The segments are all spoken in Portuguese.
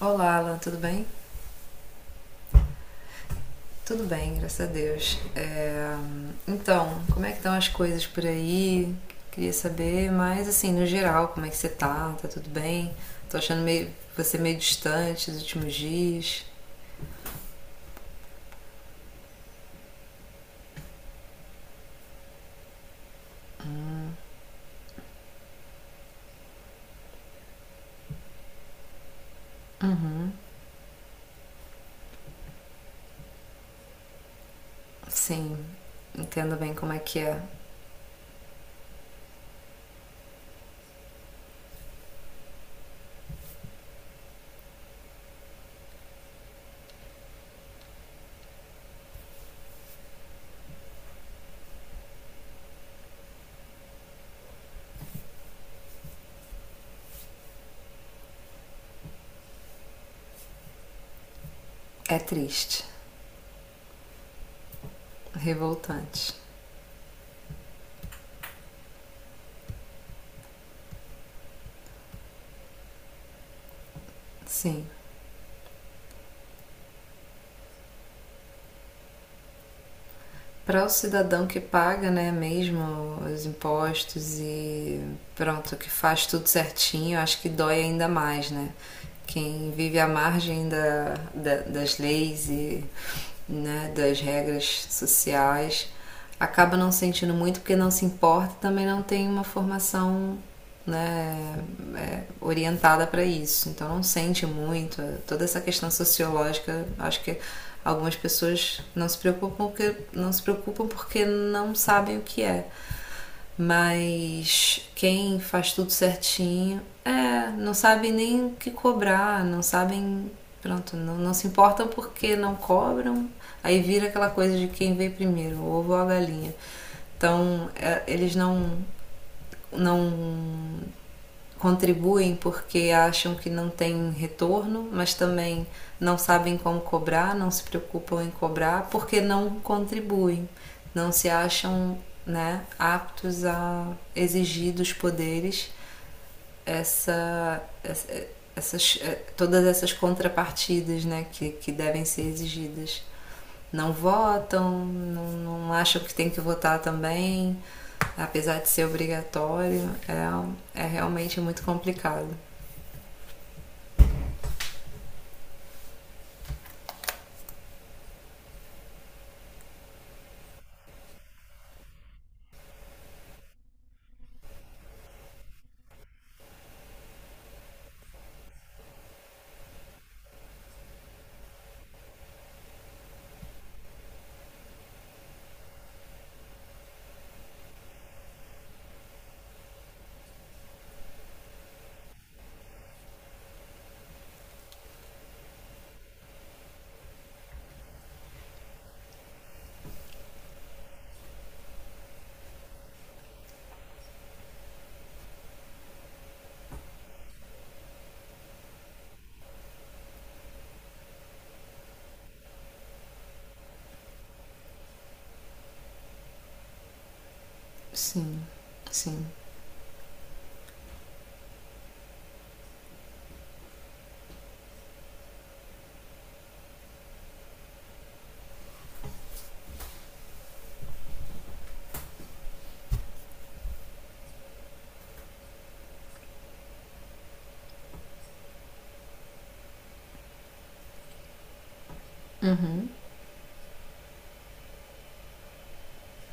Olá, Alan, tudo bem? Tudo bem, graças a Deus. Então, como é que estão as coisas por aí? Queria saber, mas assim, no geral, como é que você tá? Tá tudo bem? Tô achando você meio distante nos últimos dias. Uhum, sim, entendo bem como é que é. É triste, revoltante, sim. Para o cidadão que paga, né, mesmo os impostos e pronto, que faz tudo certinho, acho que dói ainda mais, né? Quem vive à margem das leis e né, das regras sociais acaba não sentindo muito porque não se importa, também não tem uma formação né, orientada para isso, então não sente muito. Toda essa questão sociológica, acho que algumas pessoas não se preocupam porque não se preocupam porque não sabem o que é. Mas quem faz tudo certinho, não sabe nem o que cobrar, não sabem, pronto, não, não se importam porque não cobram. Aí vira aquela coisa de quem veio primeiro, o ovo ou a galinha. Então, é, eles não contribuem porque acham que não tem retorno, mas também não sabem como cobrar, não se preocupam em cobrar porque não contribuem, não se acham né, aptos a exigir dos poderes essa, todas essas contrapartidas né, que devem ser exigidas. Não votam, não, não acham que tem que votar também, apesar de ser obrigatório, é realmente muito complicado. Sim, sim. Uhum.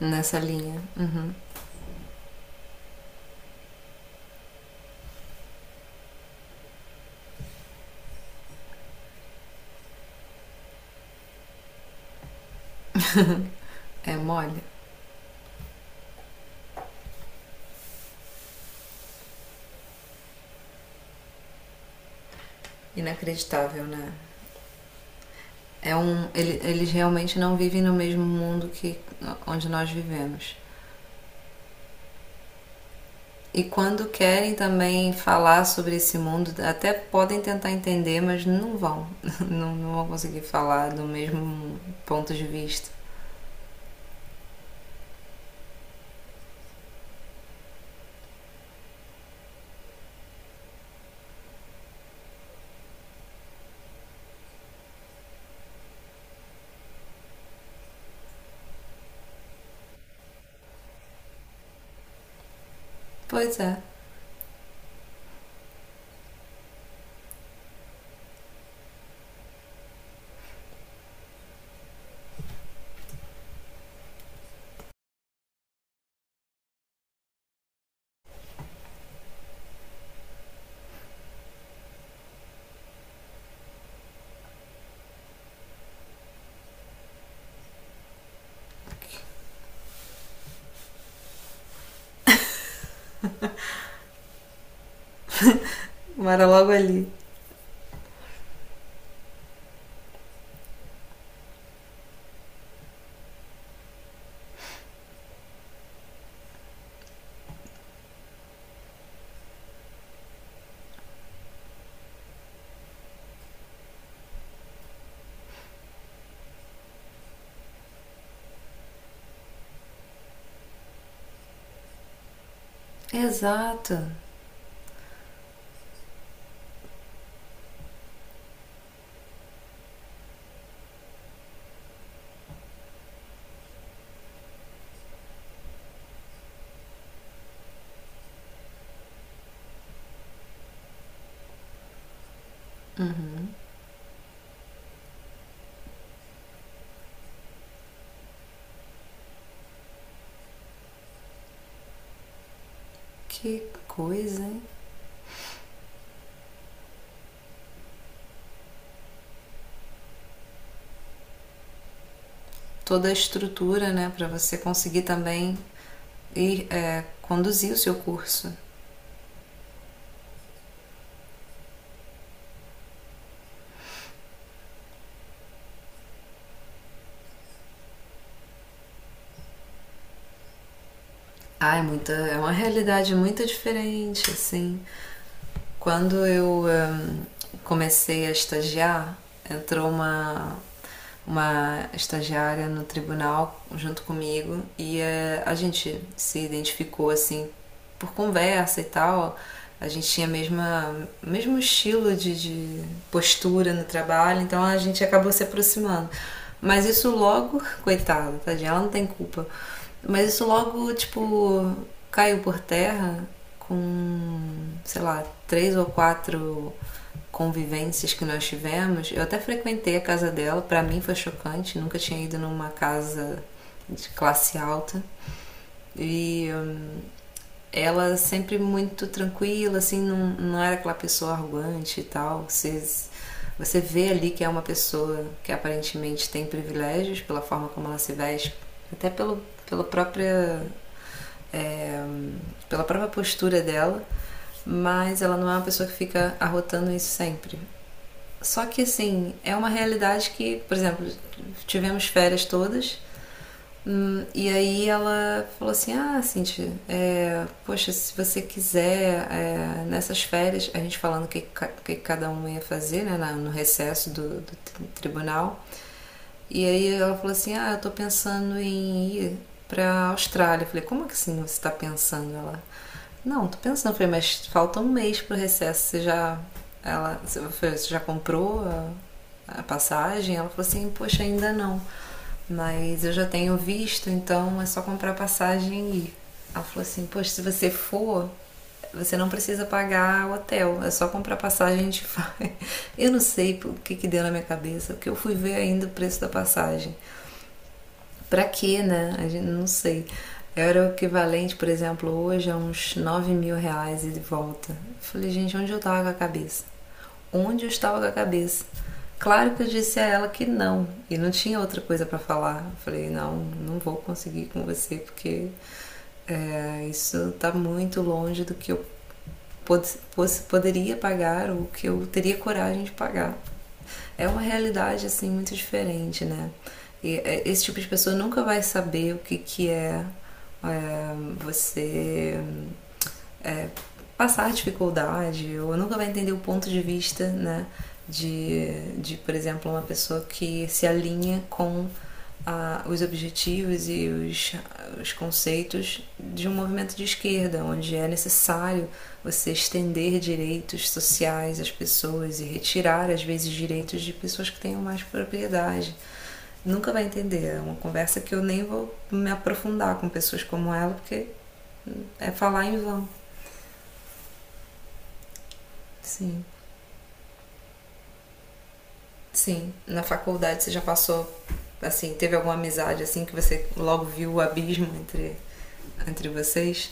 Nessa linha. Uhum. É mole. Inacreditável, né? Eles realmente não vivem no mesmo mundo que onde nós vivemos. E quando querem também falar sobre esse mundo, até podem tentar entender, mas não vão. Não vão conseguir falar do mesmo ponto de vista. Pois é, mora logo ali. Exato. Uhum. Que coisa, hein? Toda a estrutura, né, para você conseguir também ir é, conduzir o seu curso. Ah, é uma realidade muito diferente, assim. Quando eu comecei a estagiar, entrou uma estagiária no tribunal junto comigo e a gente se identificou assim por conversa e tal. A gente tinha a mesma mesmo estilo de postura no trabalho, então a gente acabou se aproximando. Mas isso logo, coitada, tadinha, ela não tem culpa. Mas isso logo, tipo, caiu por terra com, sei lá, três ou quatro convivências que nós tivemos, eu até frequentei a casa dela, para mim foi chocante, nunca tinha ido numa casa de classe alta. E ela sempre muito tranquila, assim, não era aquela pessoa arrogante e tal. Você vê ali que é uma pessoa que aparentemente tem privilégios pela forma como ela se veste, até pela própria. é, hum, pela própria postura dela, mas ela não é uma pessoa que fica arrotando isso sempre. Só que assim, é uma realidade que, por exemplo, tivemos férias todas. E aí ela falou assim: ah, Cintia, poxa, se você quiser, nessas férias, a gente falando o que, que cada um ia fazer, né, no recesso do tribunal, e aí ela falou assim: Ah, eu tô pensando em ir pra Austrália. Eu falei: Como é que assim você tá pensando? Ela: Não, tô pensando. Eu falei: Mas falta um mês pro recesso. Você já comprou a passagem? Ela falou assim: Poxa, ainda não. Mas eu já tenho visto, então é só comprar passagem e ir. Ela falou assim: Poxa, se você for, você não precisa pagar hotel, é só comprar passagem e a gente vai. Eu não sei o que, que deu na minha cabeça, porque eu fui ver ainda o preço da passagem. Pra quê, né? A gente não sei. Era o equivalente, por exemplo, hoje a uns 9 mil reais e de volta. Eu falei: gente, onde eu tava com a cabeça? Onde eu estava com a cabeça? Claro que eu disse a ela que não, e não tinha outra coisa pra falar. Eu falei: não, não vou conseguir com você, porque isso tá muito longe do que eu poderia pagar ou que eu teria coragem de pagar. É uma realidade assim muito diferente, né? Esse tipo de pessoa nunca vai saber o que, que é você é, passar dificuldade ou nunca vai entender o ponto de vista, né? De por exemplo, uma pessoa que se alinha com ah, os objetivos e os conceitos de um movimento de esquerda, onde é necessário você estender direitos sociais às pessoas e retirar, às vezes, direitos de pessoas que tenham mais propriedade. Nunca vai entender. É uma conversa que eu nem vou me aprofundar com pessoas como ela, porque é falar em vão. Sim. Sim, na faculdade você já passou, assim, teve alguma amizade assim que você logo viu o abismo entre vocês?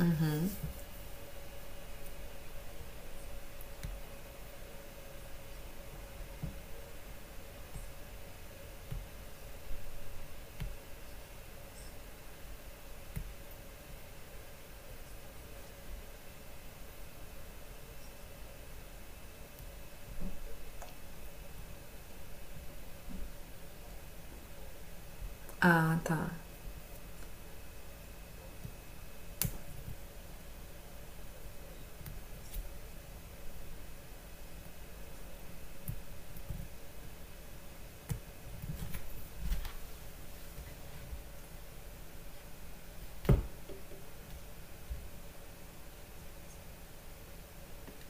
Uhum. Ah, tá.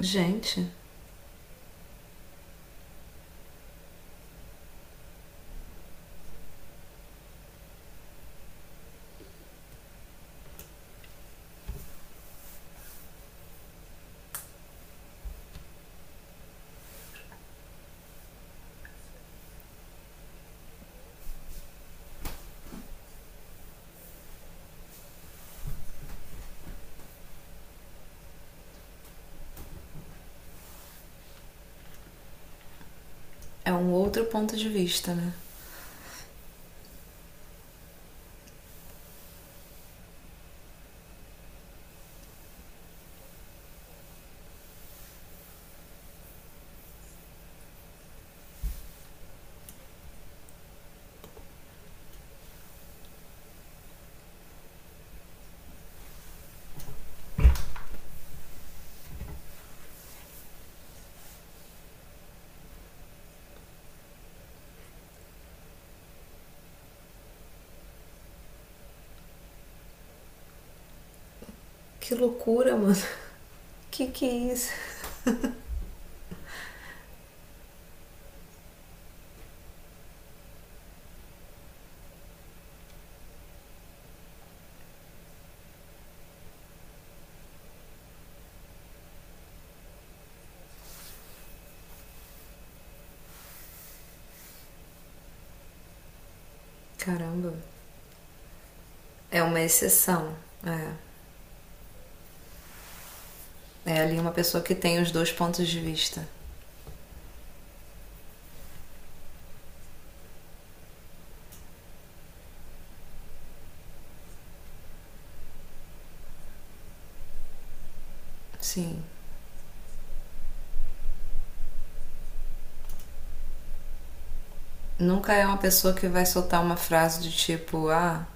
Gente, é um outro ponto de vista, né? Que loucura, mano. Que é isso? Caramba. É uma exceção. É. É ali uma pessoa que tem os dois pontos de vista. Sim. Nunca é uma pessoa que vai soltar uma frase de tipo: ah,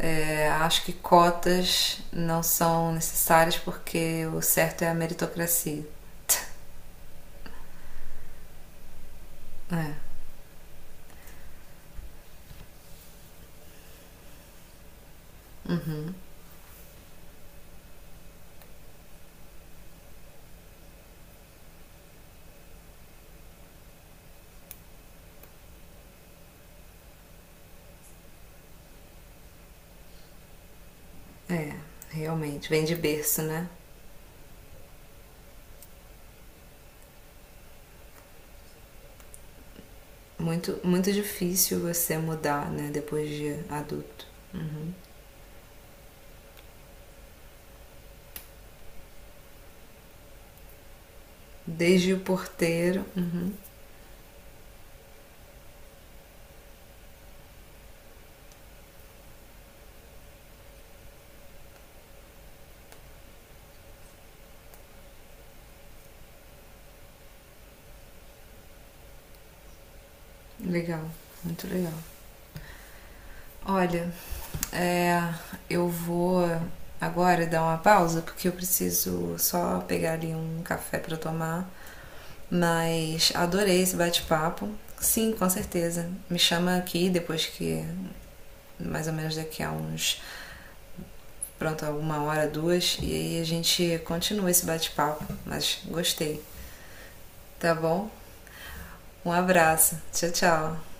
Acho que cotas não são necessárias porque o certo é a meritocracia. É, é, realmente. Vem de berço, né? Muito, muito difícil você mudar, né? Depois de adulto. Uhum. Desde o porteiro. Uhum. Legal, muito legal. Olha, é, eu vou agora dar uma pausa porque eu preciso só pegar ali um café para tomar. Mas adorei esse bate-papo. Sim, com certeza. Me chama aqui depois que mais ou menos daqui a uns, pronto, uma hora, duas, e aí a gente continua esse bate-papo. Mas gostei. Tá bom? Um abraço. Tchau, tchau.